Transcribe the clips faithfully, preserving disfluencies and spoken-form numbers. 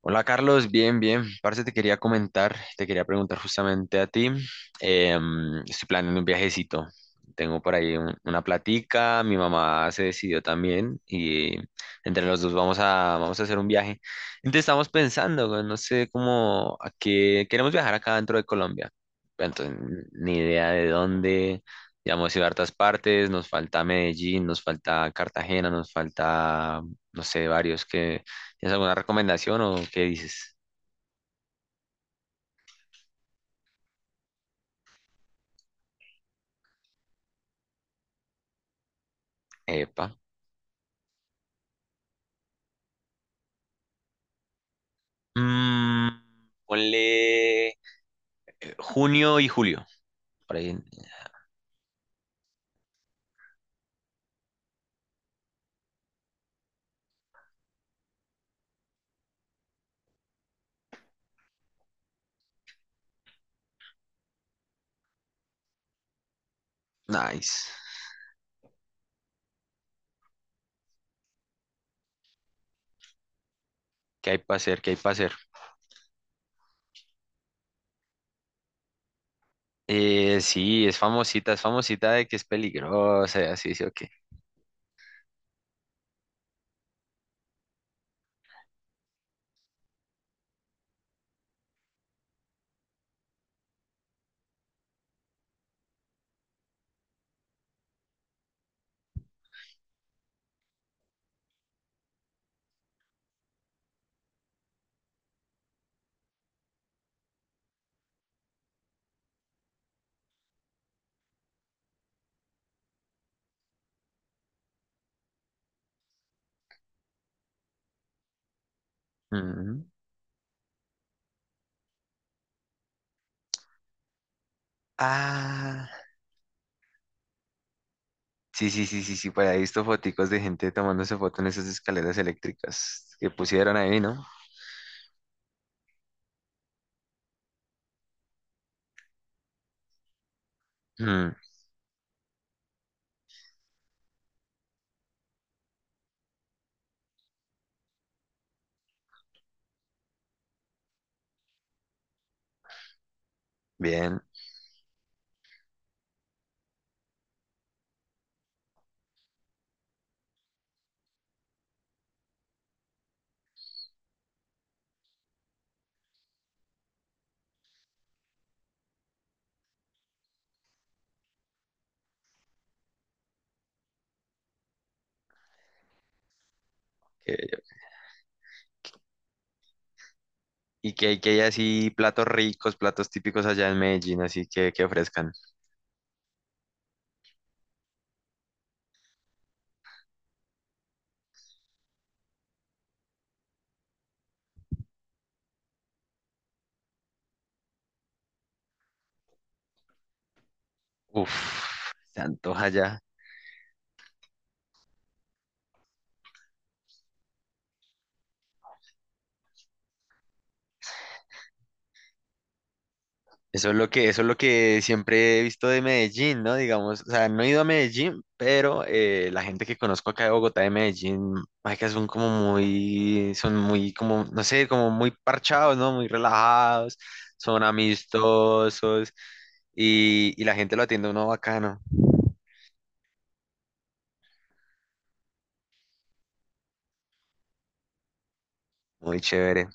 Hola Carlos, bien, bien. Parce, te quería comentar, te quería preguntar justamente a ti. Em, estoy planeando un viajecito. Tengo por ahí un- una platica, mi mamá se decidió también y entre los dos vamos a, vamos a hacer un viaje. Entonces estamos pensando, güey, no sé cómo, a qué queremos viajar acá dentro de Colombia. Pero entonces, ni idea de dónde. Ya hemos ido a hartas partes, nos falta Medellín, nos falta Cartagena, nos falta, no sé, varios que ¿tienes alguna recomendación o qué dices? Epa. Mm, Ponle junio y julio. Por ahí. Nice. ¿Qué hay para hacer? ¿Qué hay para hacer? Eh, sí, es famosita, es famosita de que es peligrosa, y así, sí, o qué. Ujú. Ah, sí, sí, sí, sí, sí, por ahí he visto foticos de gente tomándose foto en esas escaleras eléctricas que pusieron ahí, ¿no? Mm, bien. Qué bello. Y que hay que hay así platos ricos, platos típicos allá en Medellín, así que, que ofrezcan. Uf, se antoja ya. Eso es lo que, eso es lo que siempre he visto de Medellín, ¿no? Digamos, o sea, no he ido a Medellín, pero eh, la gente que conozco acá de Bogotá, de Medellín, que son como muy, son muy como, no sé, como muy parchados, ¿no? Muy relajados, son amistosos y, y la gente lo atiende a uno bacano, muy chévere.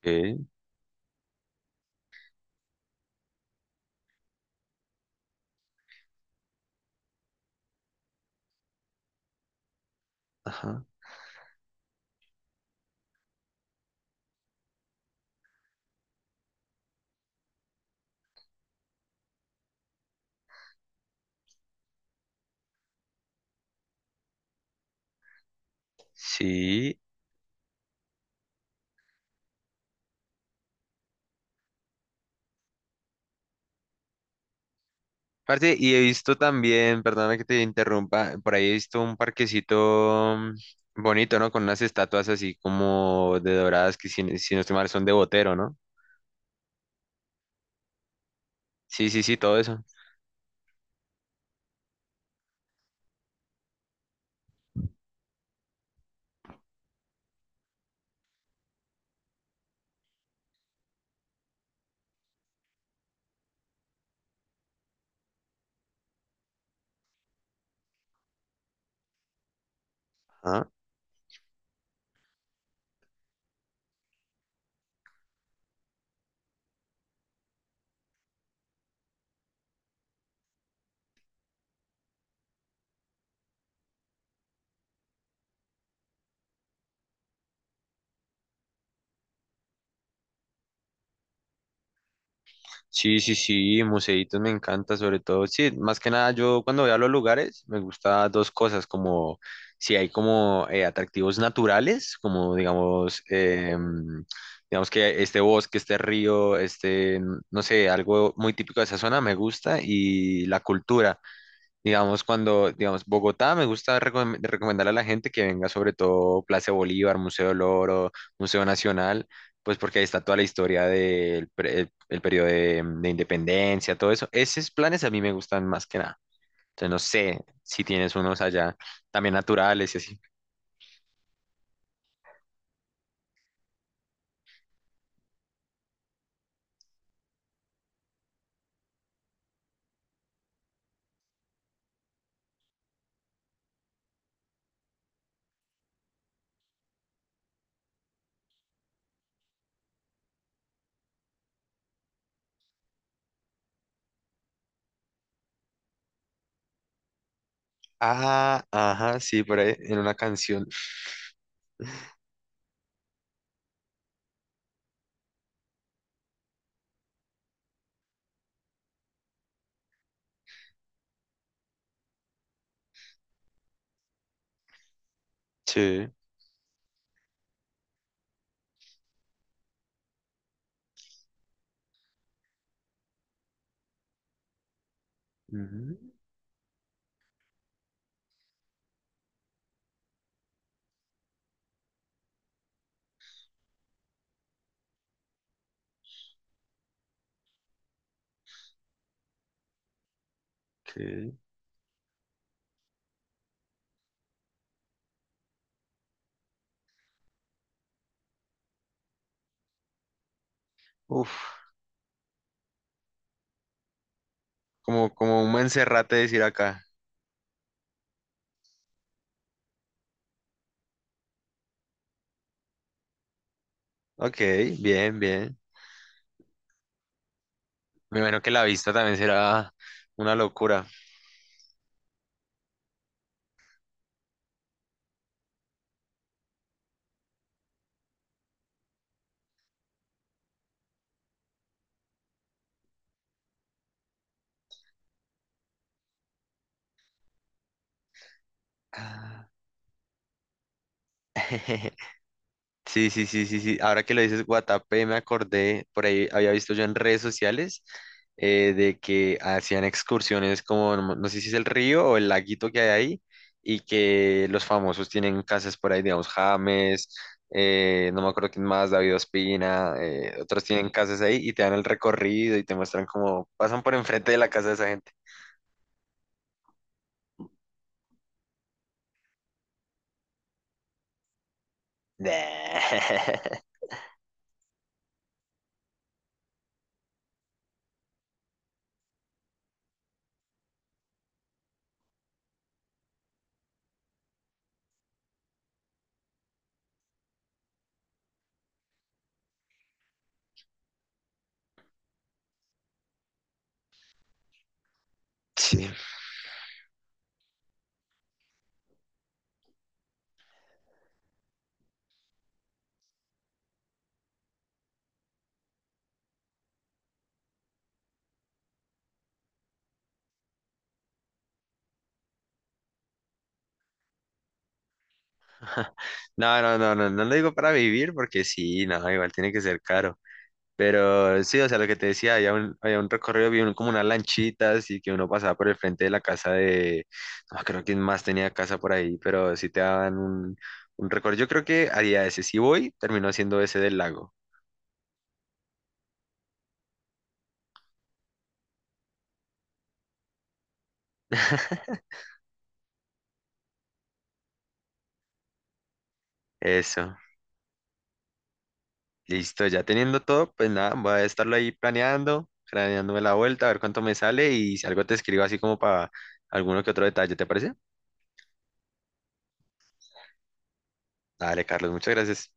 Ok. Ajá. Sí. Parce, y he visto también, perdona que te interrumpa, por ahí he visto un parquecito mm, bonito, ¿no? Con unas estatuas así como de doradas que si, si no estoy mal son de Botero, ¿no? Sí, sí, sí, todo eso. Sí, sí, sí, museitos me encanta, sobre todo, sí, más que nada yo cuando voy a los lugares me gusta dos cosas, como si hay como eh, atractivos naturales, como digamos, eh, mm, digamos que este bosque, este río, este, mm, no sé, algo muy típico de esa zona me gusta y la cultura. Digamos, cuando, digamos, Bogotá, me gusta recomendar recomendarle a la gente que venga sobre todo Plaza de Bolívar, Museo del Oro, Museo Nacional, pues porque ahí está toda la historia del pre- el, el periodo de, de independencia, todo eso. Esos planes a mí me gustan más que nada. Entonces, no sé si tienes unos allá también naturales y así. Ah, ajá, sí, por ahí en una canción. Sí. Ujú, ok. Uf, como, como un Monserrate decir acá. Ok, bien, bien. Me imagino que la vista también será una locura. Ah, sí, sí, sí, sí, sí. Ahora que lo dices, Guatapé, me acordé, por ahí había visto yo en redes sociales eh, de que hacían excursiones como, no no sé si es el río o el laguito que hay ahí, y que los famosos tienen casas por ahí, digamos, James, eh, no me acuerdo quién más, David Ospina, eh, otros tienen casas ahí y te dan el recorrido y te muestran cómo pasan por enfrente de la casa de esa gente. Sí. No, no, no, no, no lo digo para vivir porque sí, no, igual tiene que ser caro. Pero sí, o sea, lo que te decía, había un, había un recorrido, había un- como unas lanchitas y que uno pasaba por el frente de la casa de, no creo que más tenía casa por ahí, pero sí te daban un, un recorrido. Yo creo que haría ese. Si voy, terminó haciendo ese del lago. Eso, listo, ya teniendo todo, pues nada, voy a estarlo ahí planeando, planeándome la vuelta, a ver cuánto me sale y si algo te escribo así como para alguno que otro detalle, ¿te parece? Dale, Carlos, muchas gracias.